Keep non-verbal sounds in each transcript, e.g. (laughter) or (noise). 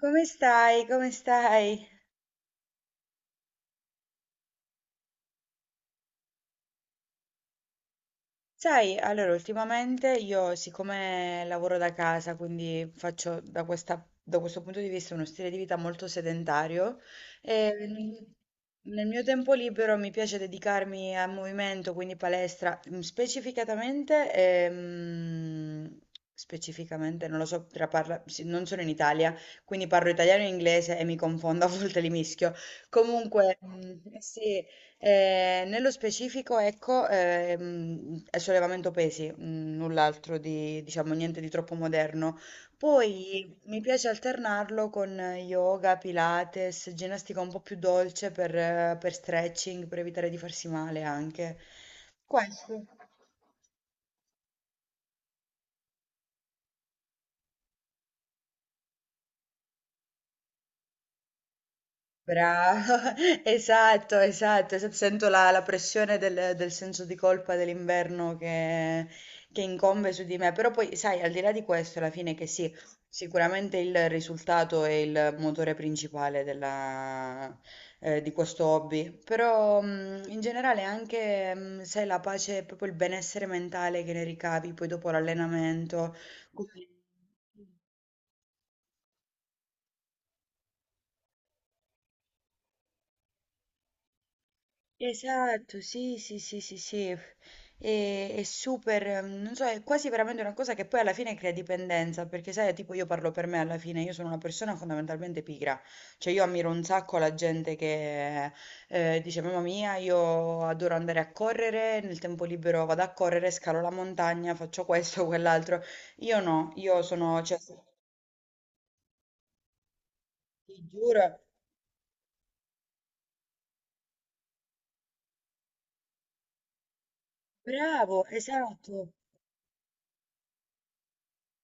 Come stai? Come stai? Sai, allora, ultimamente io, siccome lavoro da casa, quindi faccio da da questo punto di vista uno stile di vita molto sedentario, e nel mio tempo libero mi piace dedicarmi al movimento, quindi palestra, specificatamente, specificamente, non lo so, sì, non sono in Italia, quindi parlo italiano e inglese e mi confondo, (laughs) a volte li mischio. Comunque, sì, nello specifico, ecco, è sollevamento pesi, null'altro di, diciamo, niente di troppo moderno. Poi mi piace alternarlo con yoga, pilates, ginnastica un po' più dolce per stretching, per evitare di farsi male anche. Questo. Brava, (laughs) esatto, esatto, esatto. Sento la pressione del senso di colpa dell'inverno che incombe su di me, però poi sai, al di là di questo, alla fine che sì, sicuramente il risultato è il motore principale della, di questo hobby, però in generale anche, sai, la pace, proprio il benessere mentale che ne ricavi poi dopo l'allenamento. quindi- Esatto, sì, sì, sì, sì, sì, è, super, non so, è quasi veramente una cosa che poi alla fine crea dipendenza, perché sai, tipo io parlo per me alla fine, io sono una persona fondamentalmente pigra, cioè io ammiro un sacco la gente che dice, mamma mia, io adoro andare a correre, nel tempo libero vado a correre, scalo la montagna, faccio questo, (laughs) quell'altro, io no, io sono, cioè, ti giuro, bravo, esatto,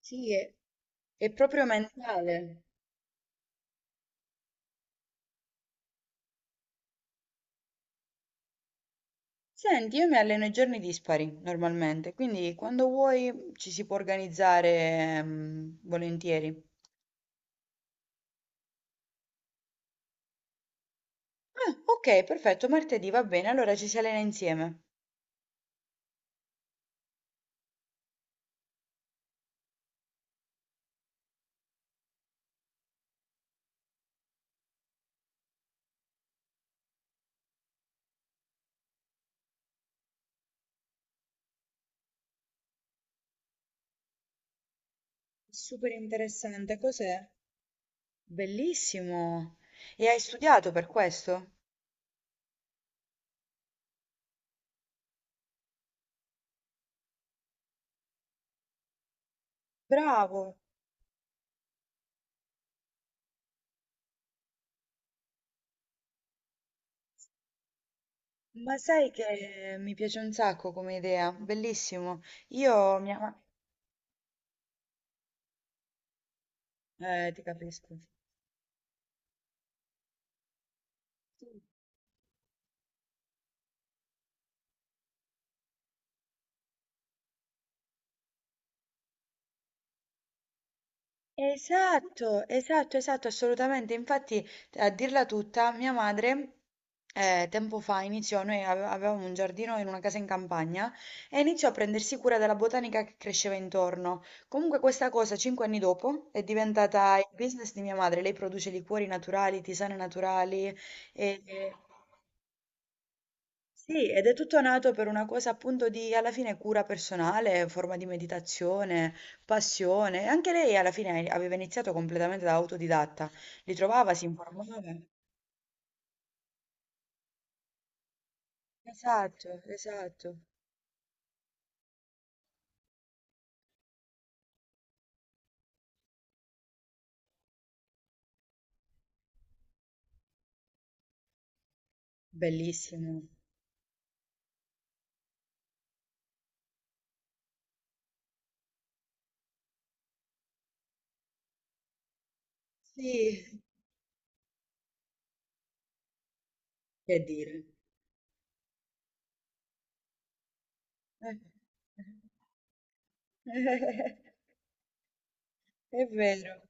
sì, è proprio mentale. Senti, io mi alleno i giorni dispari normalmente, quindi quando vuoi ci si può organizzare, volentieri. Ah, ok, perfetto, martedì va bene, allora ci si allena insieme. Super interessante, cos'è? Bellissimo! E hai studiato per questo? Bravo. Ma sai che mi piace un sacco come idea, bellissimo. Io, mia ti capisco. Esatto, esatto, esatto, assolutamente. Infatti, a dirla tutta, mia madre tempo fa iniziò, noi avevamo un giardino in una casa in campagna e iniziò a prendersi cura della botanica che cresceva intorno. Comunque questa cosa, 5 anni dopo, è diventata il business di mia madre. Lei produce liquori naturali, tisane naturali e... Sì, ed è tutto nato per una cosa appunto di alla fine cura personale, forma di meditazione, passione. Anche lei alla fine aveva iniziato completamente da autodidatta, li trovava, si informava. Esatto, esatto. Bellissimo. Sì, che dire. (laughs) È vero.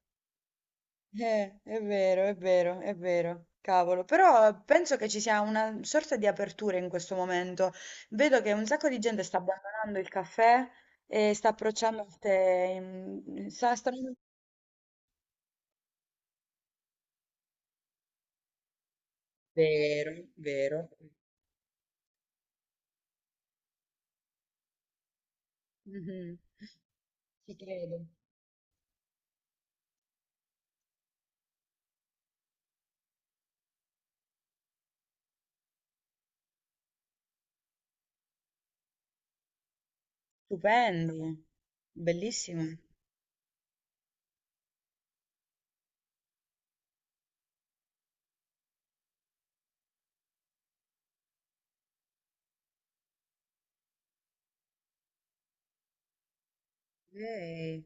È vero, è vero, è vero. Cavolo, però penso che ci sia una sorta di apertura in questo momento. Vedo che un sacco di gente sta abbandonando il caffè e sta approcciando il tè. Sta, vero, vero. Mhm. Ci credo. Stupendo, bellissimo. Eh,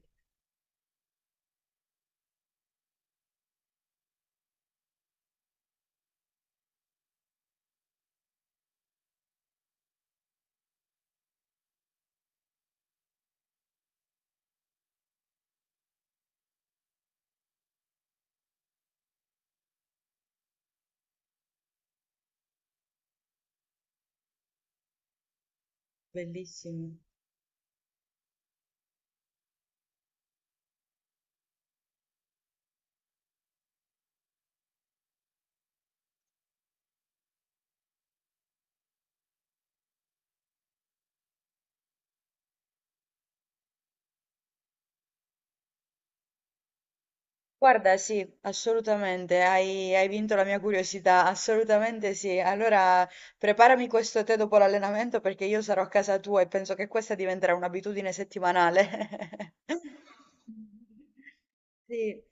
bellissimo. Guarda, sì, assolutamente, hai, hai vinto la mia curiosità, assolutamente sì. Allora, preparami questo tè dopo l'allenamento perché io sarò a casa tua e penso che questa diventerà un'abitudine settimanale. (laughs) Sì.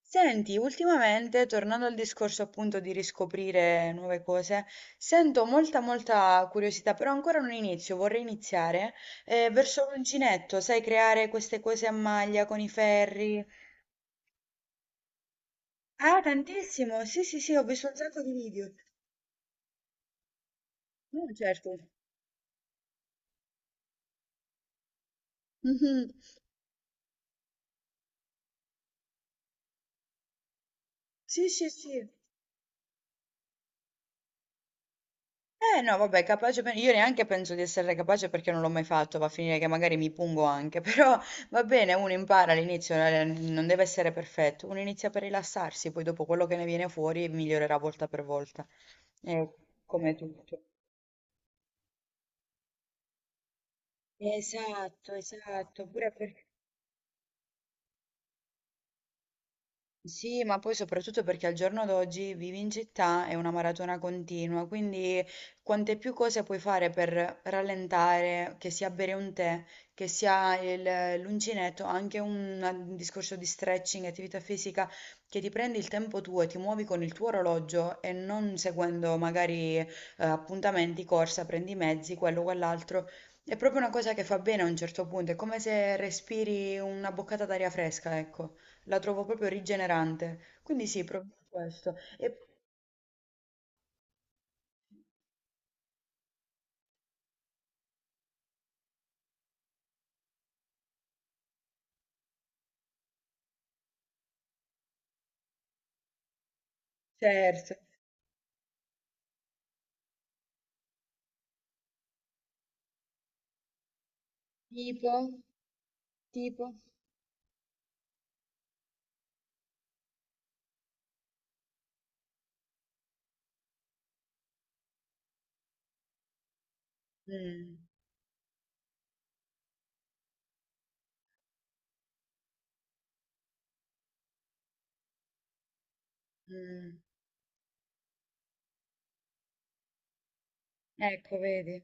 Senti, ultimamente, tornando al discorso appunto di riscoprire nuove cose, sento molta, molta curiosità, però ancora non inizio, vorrei iniziare verso l'uncinetto, sai, creare queste cose a maglia con i ferri. Ah, tantissimo! Sì, sì, sì, ho visto un sacco di video. No, certo. Mhm. Sì, sì, sì. Eh no, vabbè, io neanche penso di essere capace perché non l'ho mai fatto, va a finire che magari mi pungo anche, (laughs) però va bene, uno impara all'inizio, non deve essere perfetto, uno inizia per rilassarsi, poi dopo quello che ne viene fuori migliorerà volta per volta. Eh, come tutto. Esatto, esatto, pure per sì, ma poi soprattutto perché al giorno d'oggi vivi in città è una maratona continua, quindi quante più cose puoi fare per rallentare, che sia bere un tè, che sia l'uncinetto, anche un discorso di stretching, attività fisica, che ti prendi il tempo tuo e ti muovi con il tuo orologio e non seguendo magari appuntamenti, corsa, prendi i mezzi, quello, quell'altro. È proprio una cosa che fa bene a un certo punto, è come se respiri una boccata d'aria fresca, ecco. La trovo proprio rigenerante. Quindi sì, proviamo questo. E terzo, tipo, tipo. Mm, mm. Ecco, vedi.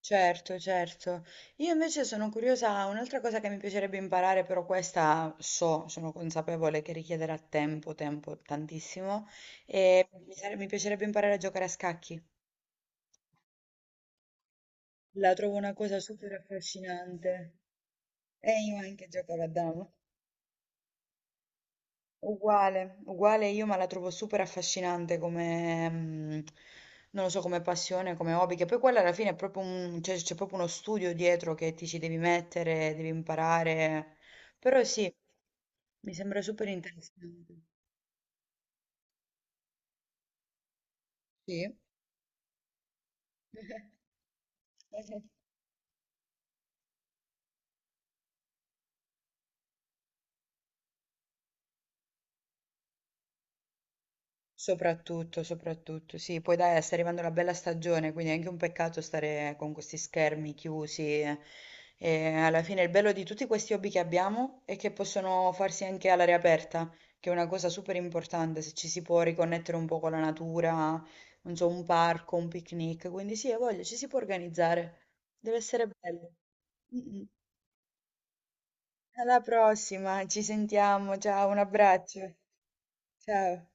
Certo, certo. Io invece sono curiosa, un'altra cosa che mi piacerebbe imparare, però questa so, sono consapevole che richiederà tempo, tempo tantissimo, e mi piacerebbe imparare a giocare a scacchi. La trovo una cosa super affascinante. E io anche giocavo a dama. Uguale, uguale io, ma la trovo super affascinante come, non lo so, come passione, come hobby, che poi quella alla fine è proprio un, cioè, c'è proprio uno studio dietro che ti ci devi mettere, devi imparare, però sì, mi sembra super interessante. Sì. (laughs) Soprattutto, soprattutto, sì, poi dai, sta arrivando la bella stagione, quindi è anche un peccato stare con questi schermi chiusi. E alla fine il bello di tutti questi hobby che abbiamo è che possono farsi anche all'aria aperta, che è una cosa super importante, se ci si può riconnettere un po' con la natura, non so, un parco, un picnic, quindi sì, ho voglia, ci si può organizzare, deve essere bello. Mm, mm. Alla prossima, ci sentiamo, ciao, un abbraccio, ciao.